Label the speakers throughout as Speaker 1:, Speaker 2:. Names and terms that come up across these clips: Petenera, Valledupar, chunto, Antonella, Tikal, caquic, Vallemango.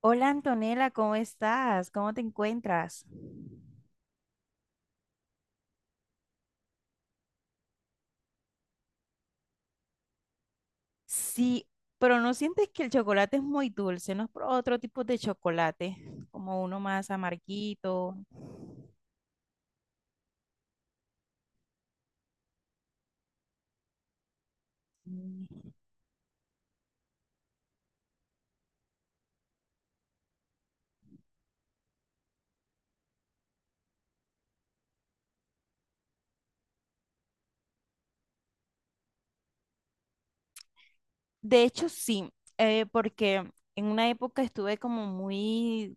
Speaker 1: Hola Antonella, ¿cómo estás? ¿Cómo te encuentras? Sí, pero ¿no sientes que el chocolate es muy dulce? ¿No es por otro tipo de chocolate, como uno más amarguito? Mm. De hecho, sí, porque en una época estuve como muy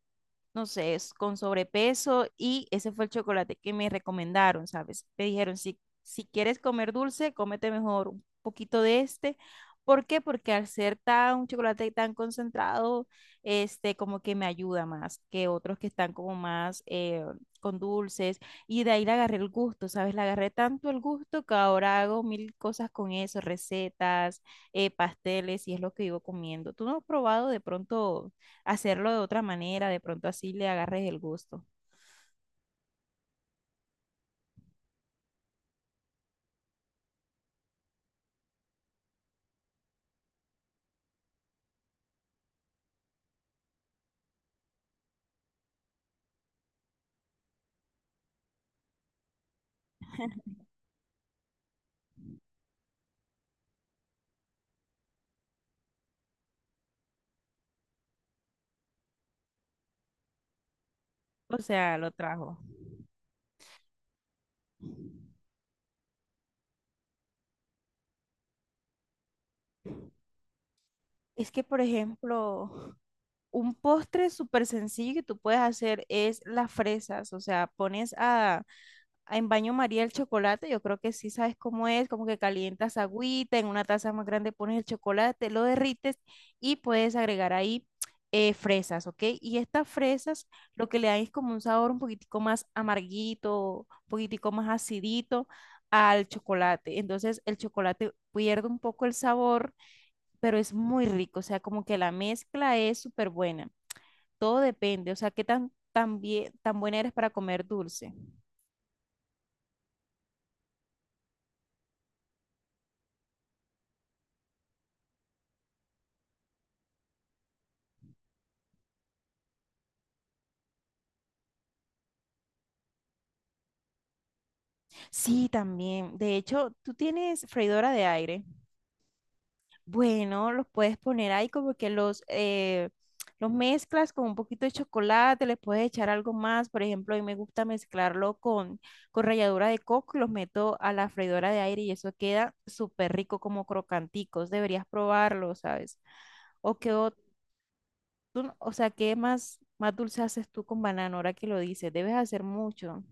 Speaker 1: no sé, es con sobrepeso y ese fue el chocolate que me recomendaron, ¿sabes? Me dijeron, si quieres comer dulce, cómete mejor un poquito de este. ¿Por qué? Porque al ser tan, un chocolate tan concentrado, este, como que me ayuda más que otros que están como más con dulces. Y de ahí le agarré el gusto, ¿sabes? Le agarré tanto el gusto que ahora hago mil cosas con eso, recetas, pasteles, y es lo que vivo comiendo. ¿Tú no has probado de pronto hacerlo de otra manera, de pronto así le agarres el gusto? O sea, lo trajo. Es que, por ejemplo, un postre súper sencillo que tú puedes hacer es las fresas. O sea, pones a en baño María el chocolate, yo creo que sí sabes cómo es, como que calientas agüita, en una taza más grande pones el chocolate, lo derrites y puedes agregar ahí fresas, ¿ok? Y estas fresas lo que le dan es como un sabor un poquitico más amarguito, un poquitico más acidito al chocolate. Entonces el chocolate pierde un poco el sabor, pero es muy rico, o sea, como que la mezcla es súper buena. Todo depende, o sea, qué tan, tan bien, tan buena eres para comer dulce. Sí, también. De hecho, tú tienes freidora de aire. Bueno, los puedes poner ahí como que los mezclas con un poquito de chocolate, les puedes echar algo más. Por ejemplo, a mí me gusta mezclarlo con ralladura de coco y los meto a la freidora de aire y eso queda súper rico como crocanticos. Deberías probarlo, ¿sabes? O que o, tú- no, o sea, ¿qué más, más dulce haces tú con banano ahora que lo dices? Debes hacer mucho.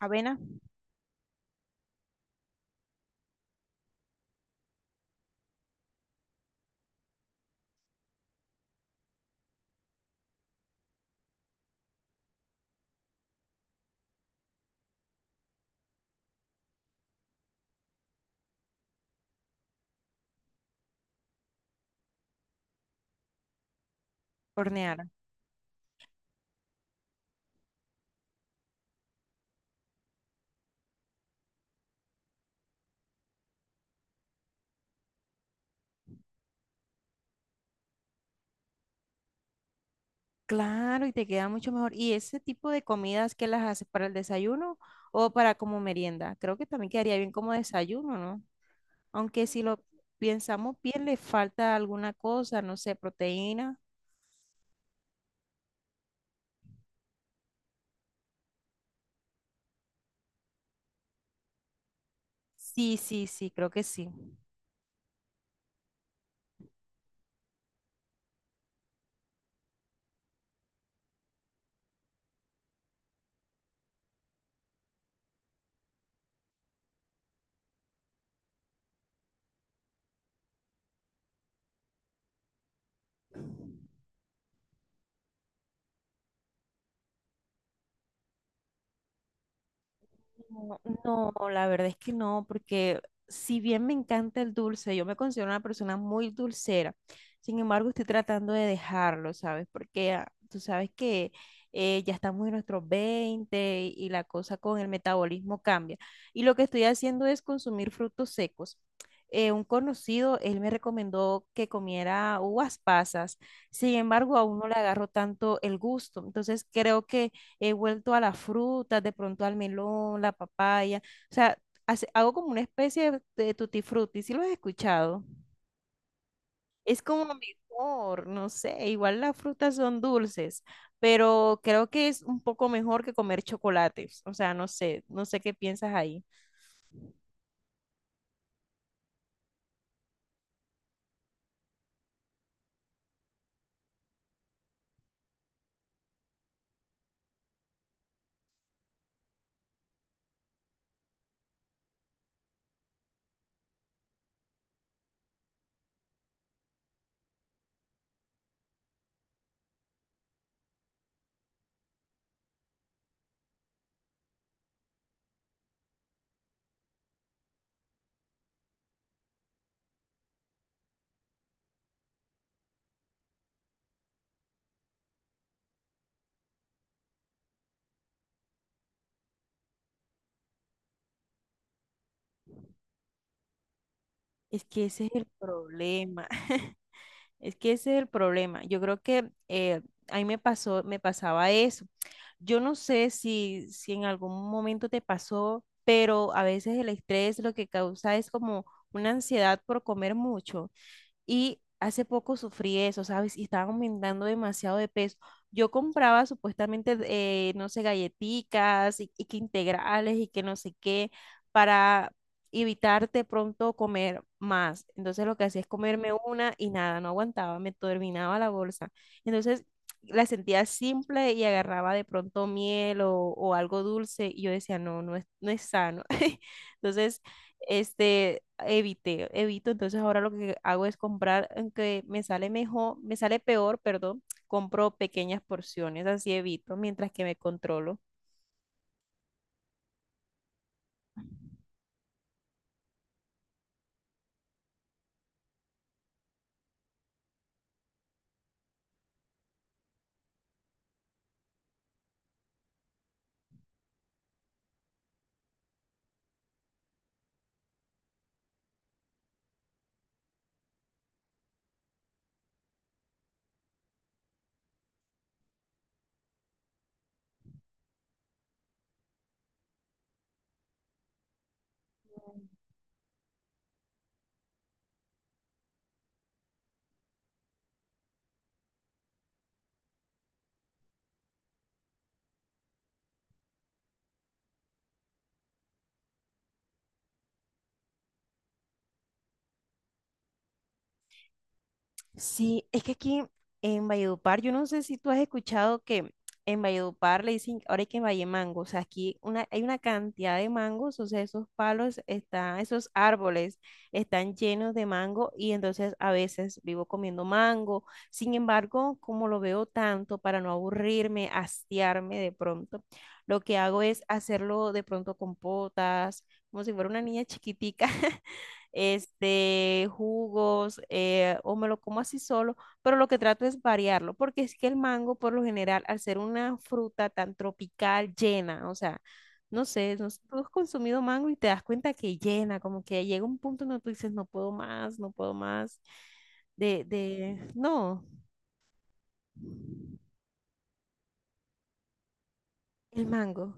Speaker 1: Avena, hornear. Claro, y te queda mucho mejor. ¿Y ese tipo de comidas que las haces para el desayuno o para como merienda? Creo que también quedaría bien como desayuno, ¿no? Aunque si lo pensamos bien, le falta alguna cosa, no sé, proteína. Sí, sí, sí, creo que sí. No, no, la verdad es que no, porque si bien me encanta el dulce, yo me considero una persona muy dulcera, sin embargo estoy tratando de dejarlo, ¿sabes? Porque ah, tú sabes que ya estamos en nuestros 20 y la cosa con el metabolismo cambia. Y lo que estoy haciendo es consumir frutos secos. Un conocido, él me recomendó que comiera uvas pasas, sin embargo aún no le agarro tanto el gusto, entonces creo que he vuelto a las frutas, de pronto al melón, la papaya, o sea, hace- hago como una especie de tutti frutti, si lo has escuchado. Es como mejor, no sé, igual las frutas son dulces, pero creo que es un poco mejor que comer chocolates, o sea, no sé, no sé qué piensas ahí. Es que ese es el problema. Es que ese es el problema. Yo creo que a mí me pasó, me pasaba eso. Yo no sé si, si en algún momento te pasó, pero a veces el estrés lo que causa es como una ansiedad por comer mucho. Y hace poco sufrí eso, ¿sabes? Y estaba aumentando demasiado de peso. Yo compraba supuestamente, no sé, galletitas y que integrales y que no sé qué para evitarte pronto comer más. Entonces lo que hacía es comerme una y nada, no aguantaba, me terminaba la bolsa. Entonces la sentía simple y agarraba de pronto miel o algo dulce y yo decía, no, no es, no es sano. Entonces este, evité, evito, entonces ahora lo que hago es comprar, aunque me sale mejor, me sale peor, perdón, compro pequeñas porciones, así evito, mientras que me controlo. Sí, es que aquí en Valledupar, yo no sé si tú has escuchado que en Valledupar le dicen, ahora hay que en Vallemango, o sea, aquí una, hay una cantidad de mangos, o sea, esos palos están, esos árboles están llenos de mango y entonces a veces vivo comiendo mango. Sin embargo, como lo veo tanto, para no aburrirme, hastiarme de pronto, lo que hago es hacerlo de pronto con potas, como si fuera una niña chiquitica. este, jugos, o me lo como así solo, pero lo que trato es variarlo, porque es que el mango, por lo general, al ser una fruta tan tropical, llena, o sea, no sé, no sé, tú has consumido mango y te das cuenta que llena, como que llega un punto donde tú dices, no puedo más, no puedo más, de, no, el mango.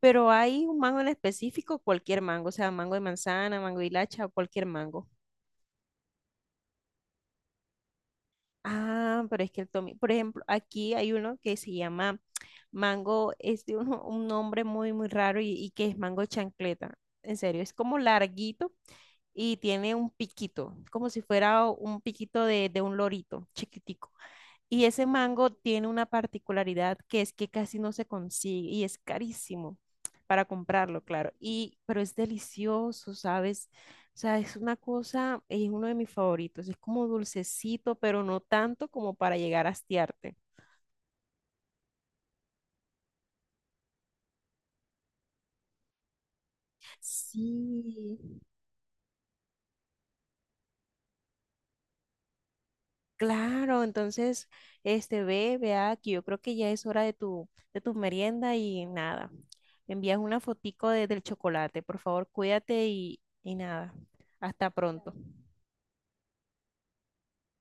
Speaker 1: Pero hay un mango en específico, cualquier mango, o sea, mango de manzana, mango de hilacha, o cualquier mango. Ah, pero es que el tomi, por ejemplo, aquí hay uno que se llama Mango es de un nombre muy, muy raro y que es mango chancleta. En serio, es como larguito y tiene un piquito, como si fuera un piquito de un lorito chiquitico. Y ese mango tiene una particularidad que es que casi no se consigue y es carísimo para comprarlo, claro. Y, pero es delicioso, ¿sabes? O sea, es una cosa, es uno de mis favoritos. Es como dulcecito, pero no tanto como para llegar a hastiarte. Sí. Claro, entonces, este, ve, ve aquí, yo creo que ya es hora de tu merienda y nada. Me envías una fotico de- del chocolate, por favor, cuídate y nada. Hasta pronto.